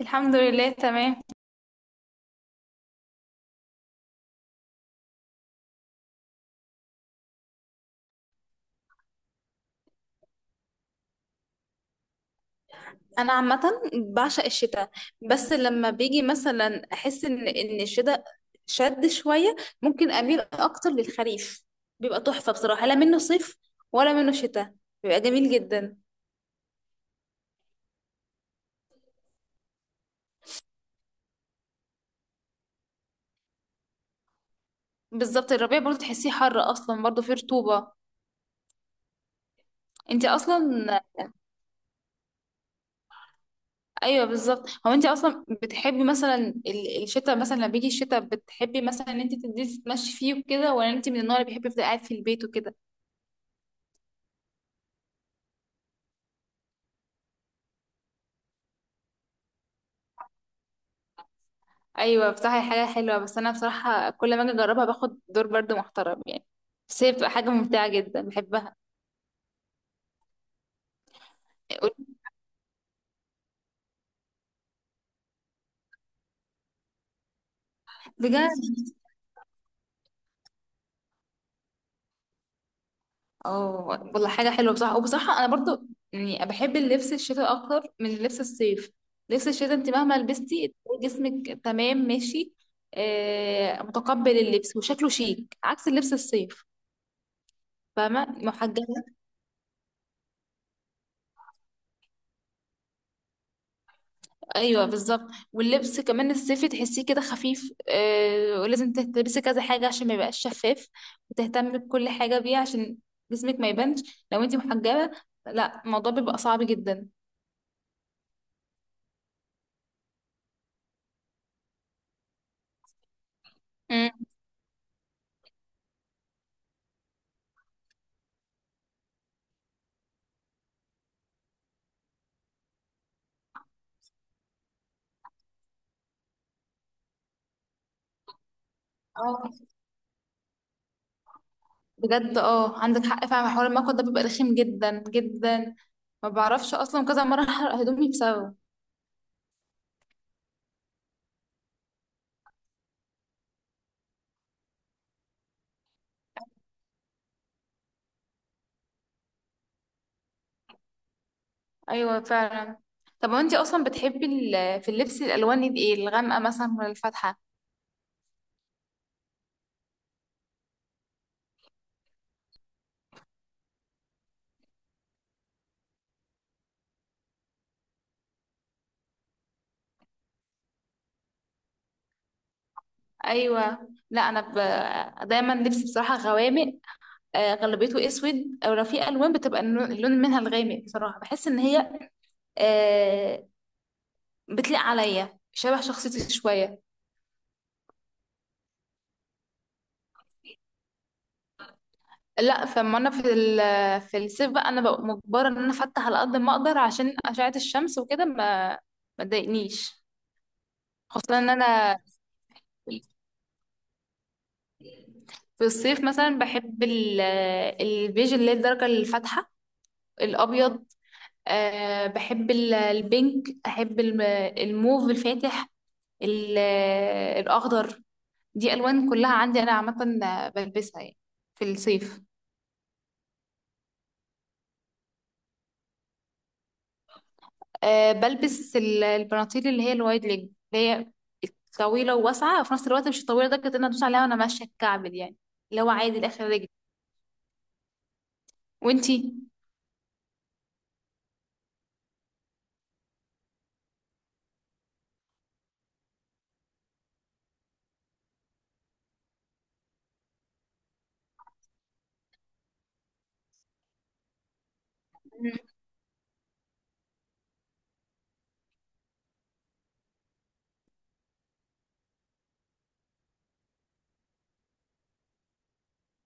الحمد لله تمام. انا عامه بعشق الشتاء. بس لما بيجي مثلا احس ان الشتاء شد شويه، ممكن اميل اكتر للخريف. بيبقى تحفه بصراحه، لا منه صيف ولا منه شتاء، بيبقى جميل جدا. بالظبط، الربيع برضه تحسيه حر، اصلا برضه فيه رطوبه. انت اصلا. ايوه بالظبط. هو انت اصلا بتحبي مثلا الشتاء؟ مثلا لما بيجي الشتاء بتحبي مثلا ان انت تنزلي تتمشي فيه وكده، ولا انت من النوع اللي بيحب يفضل قاعد في البيت وكده؟ ايوه بصراحه هي حاجه حلوه، بس انا بصراحه كل ما اجي اجربها باخد دور برضو محترم يعني. بس هي بتبقى حاجه ممتعه جدا بحبها. بجد. اه. والله حاجه حلوه بصراحه، وبصراحه انا برضو يعني بحب اللبس الشتاء اكتر من لبس الصيف. لبس الشتاء انت مهما لبستي تلاقي جسمك تمام ماشي، متقبل اللبس وشكله شيك عكس اللبس الصيف. فاهمه، محجبه. ايوه بالظبط. واللبس كمان الصيفي تحسيه كده خفيف، ولازم تلبسي كذا حاجه عشان ما يبقاش شفاف، وتهتمي بكل حاجه بيه عشان جسمك ما يبانش لو انتي محجبه، لا الموضوع بيبقى صعب جدا. مم. اه. بجد، اه، عندك حق فعلا، حوار المكوى ده بيبقى رخيم جدا جدا. ما بعرفش اصلا، كذا مره احرق هدومي بسببه. ايوه فعلا. طب وانتي اصلا بتحبي في اللبس الالوان دي ايه؟ الغامقه مثلا ولا الفاتحه؟ ايوه. لا انا دايما لبسي بصراحه غوامق، غالبيته اسود. او لو في الوان بتبقى اللون منها الغامق، بصراحه بحس ان هي آه، بتليق عليا شبه شخصيتي شويه. لا فما انا في في الصيف بقى انا ببقى مجبره ان انا افتح على قد ما اقدر عشان اشعه الشمس وكده ما تضايقنيش. خصوصا ان انا في الصيف مثلا بحب البيج اللي هي الدرجه الفاتحه، الابيض. أه بحب البينك، احب الموف الفاتح، ال- الاخضر. دي الوان كلها عندي انا عامه، بلبسها يعني في الصيف. أه بلبس البناطيل اللي هي الوايد ليج، اللي هي طويله وواسعه وفي نفس الوقت مش الطويله درجه ان أنا ادوس عليها وانا ماشيه، الكعب دي يعني اللي هو عادي لاخر رجلي. وانتي؟ مم.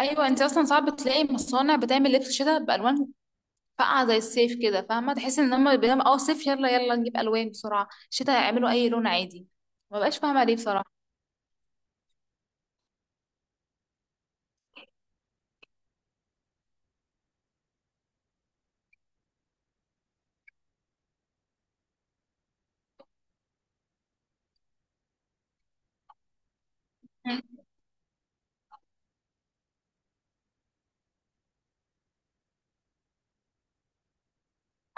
ايوه انت اصلا صعب تلاقي مصانع بتعمل لبس شتاء بالوان فاقعه زي الصيف، كده فاهمه، تحس ان هم بيعملوا صيف يلا يلا نجيب الوان بسرعه، شتاء يعملوا اي لون عادي. ما بقاش فاهمه ليه بصراحه.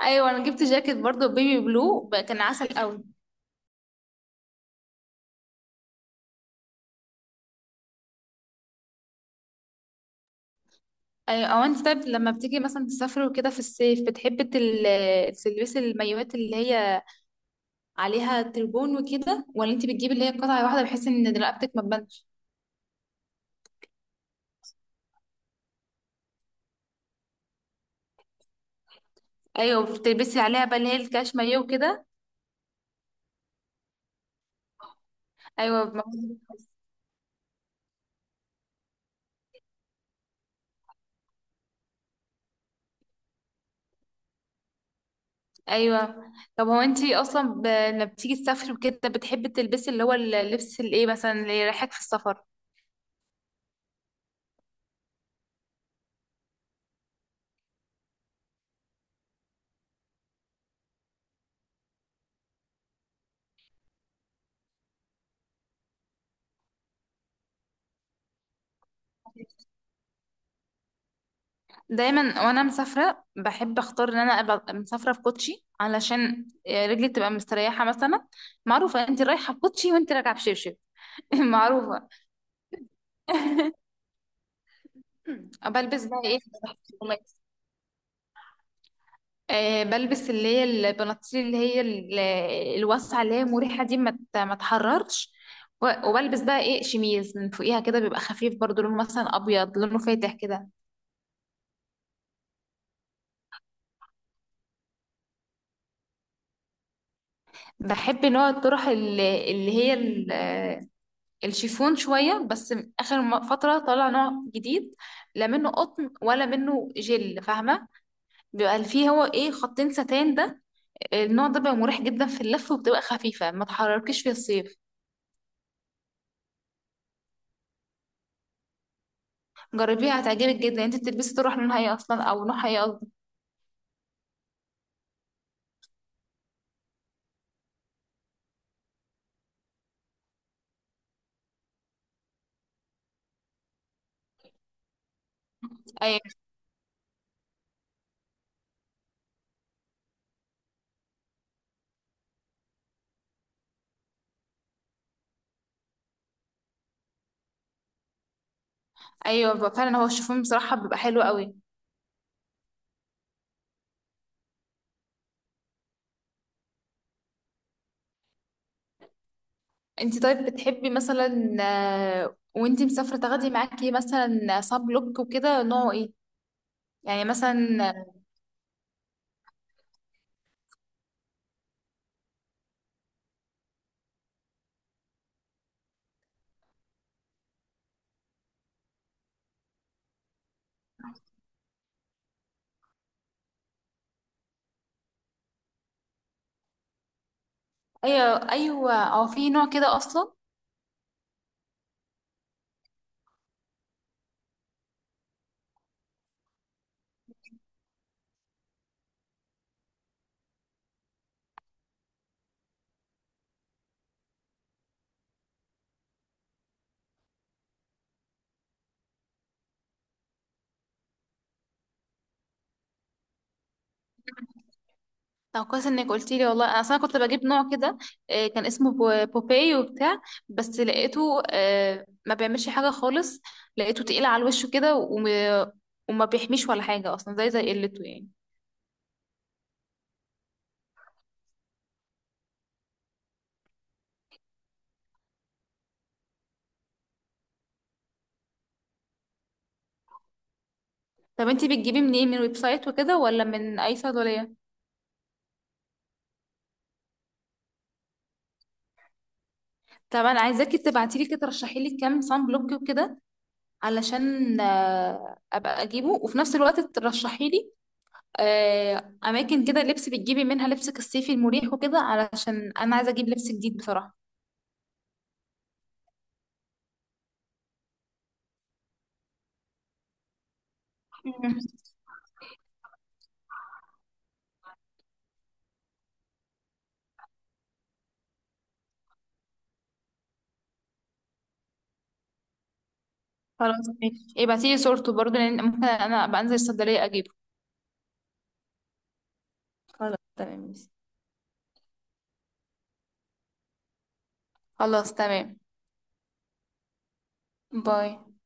ايوه انا جبت جاكيت برضو بيبي بلو، كان عسل قوي. ايوه. او انت طيب لما بتيجي مثلا تسافر وكده في الصيف، بتحبي تلبسي المايوهات اللي هي عليها تربون وكده، ولا انت بتجيبي اللي هي قطعه واحده بحيث ان رقبتك ما تبانش؟ ايوه بتلبسي عليها بقى اللي هي الكاش مايو وكده. ايوه، ايوه. طب هو انت اصلا لما بتيجي تسافري وكده بتحبي تلبسي اللي هو اللبس الايه مثلا اللي يريحك في السفر؟ دايما وانا مسافره بحب اختار ان انا ابقى مسافره في كوتشي علشان رجلي تبقى مستريحه مثلا. معروفه انت رايحه بكوتشي وانت راجعه بشبشب. معروفه. بلبس بقى ايه، بلبس اللي هي البناطيل اللي هي الواسعه اللي هي مريحه دي ما تحررش. وبلبس بقى ايه، شميز من فوقيها كده بيبقى خفيف برضو، لونه مثلا ابيض، لونه فاتح كده. بحب نوع الطرح اللي هي الشيفون شوية بس. آخر فترة طلع نوع جديد، لا منه قطن ولا منه جل، فاهمة؟ بيبقى فيه هو ايه، خطين ستان ده. النوع ده بيبقى مريح جدا في اللف وبتبقى خفيفة ما تحركيش في الصيف. جربيها هتعجبك جدا. انت بتلبسي تروح لونها ايه اصلا؟ او نوعها ايه قصدي؟ ايوه ايوه. بيبقى فعلا هو الشيفون بصراحة بيبقى حلو قوي. انت طيب بتحبي مثلا، وانت مسافرة تاخدي معاكي مثلا صاب لوك وكده، نوعه ايه؟ يعني مثلا؟ ايوه ايوه. او في نوع كده اصلا. طب كويس انك قلتي لي، والله انا اصلا كنت بجيب نوع كده، كان اسمه بوباي وبتاع. بس لقيته ما بيعملش حاجه خالص. لقيته تقيل على الوش كده وما بيحميش ولا حاجه اصلا، زي قلته يعني. طب انتي بتجيبيه منين؟ من ويب سايت وكده ولا من اي صيدليه؟ طب انا عايزاكي تبعتي لي كده، ترشحي لي كام صن بلوك وكده علشان ابقى اجيبه، وفي نفس الوقت ترشحي لي اماكن كده لبس بتجيبي منها لبسك الصيفي المريح وكده، علشان انا عايزه اجيب لبس جديد بصراحه. مم. خلاص ماشي، ابعتيلي صورته برضه لان ممكن انا ابقى انزل الصيدلية اجيبه. خلاص تمام ماشي. خلاص تمام باي.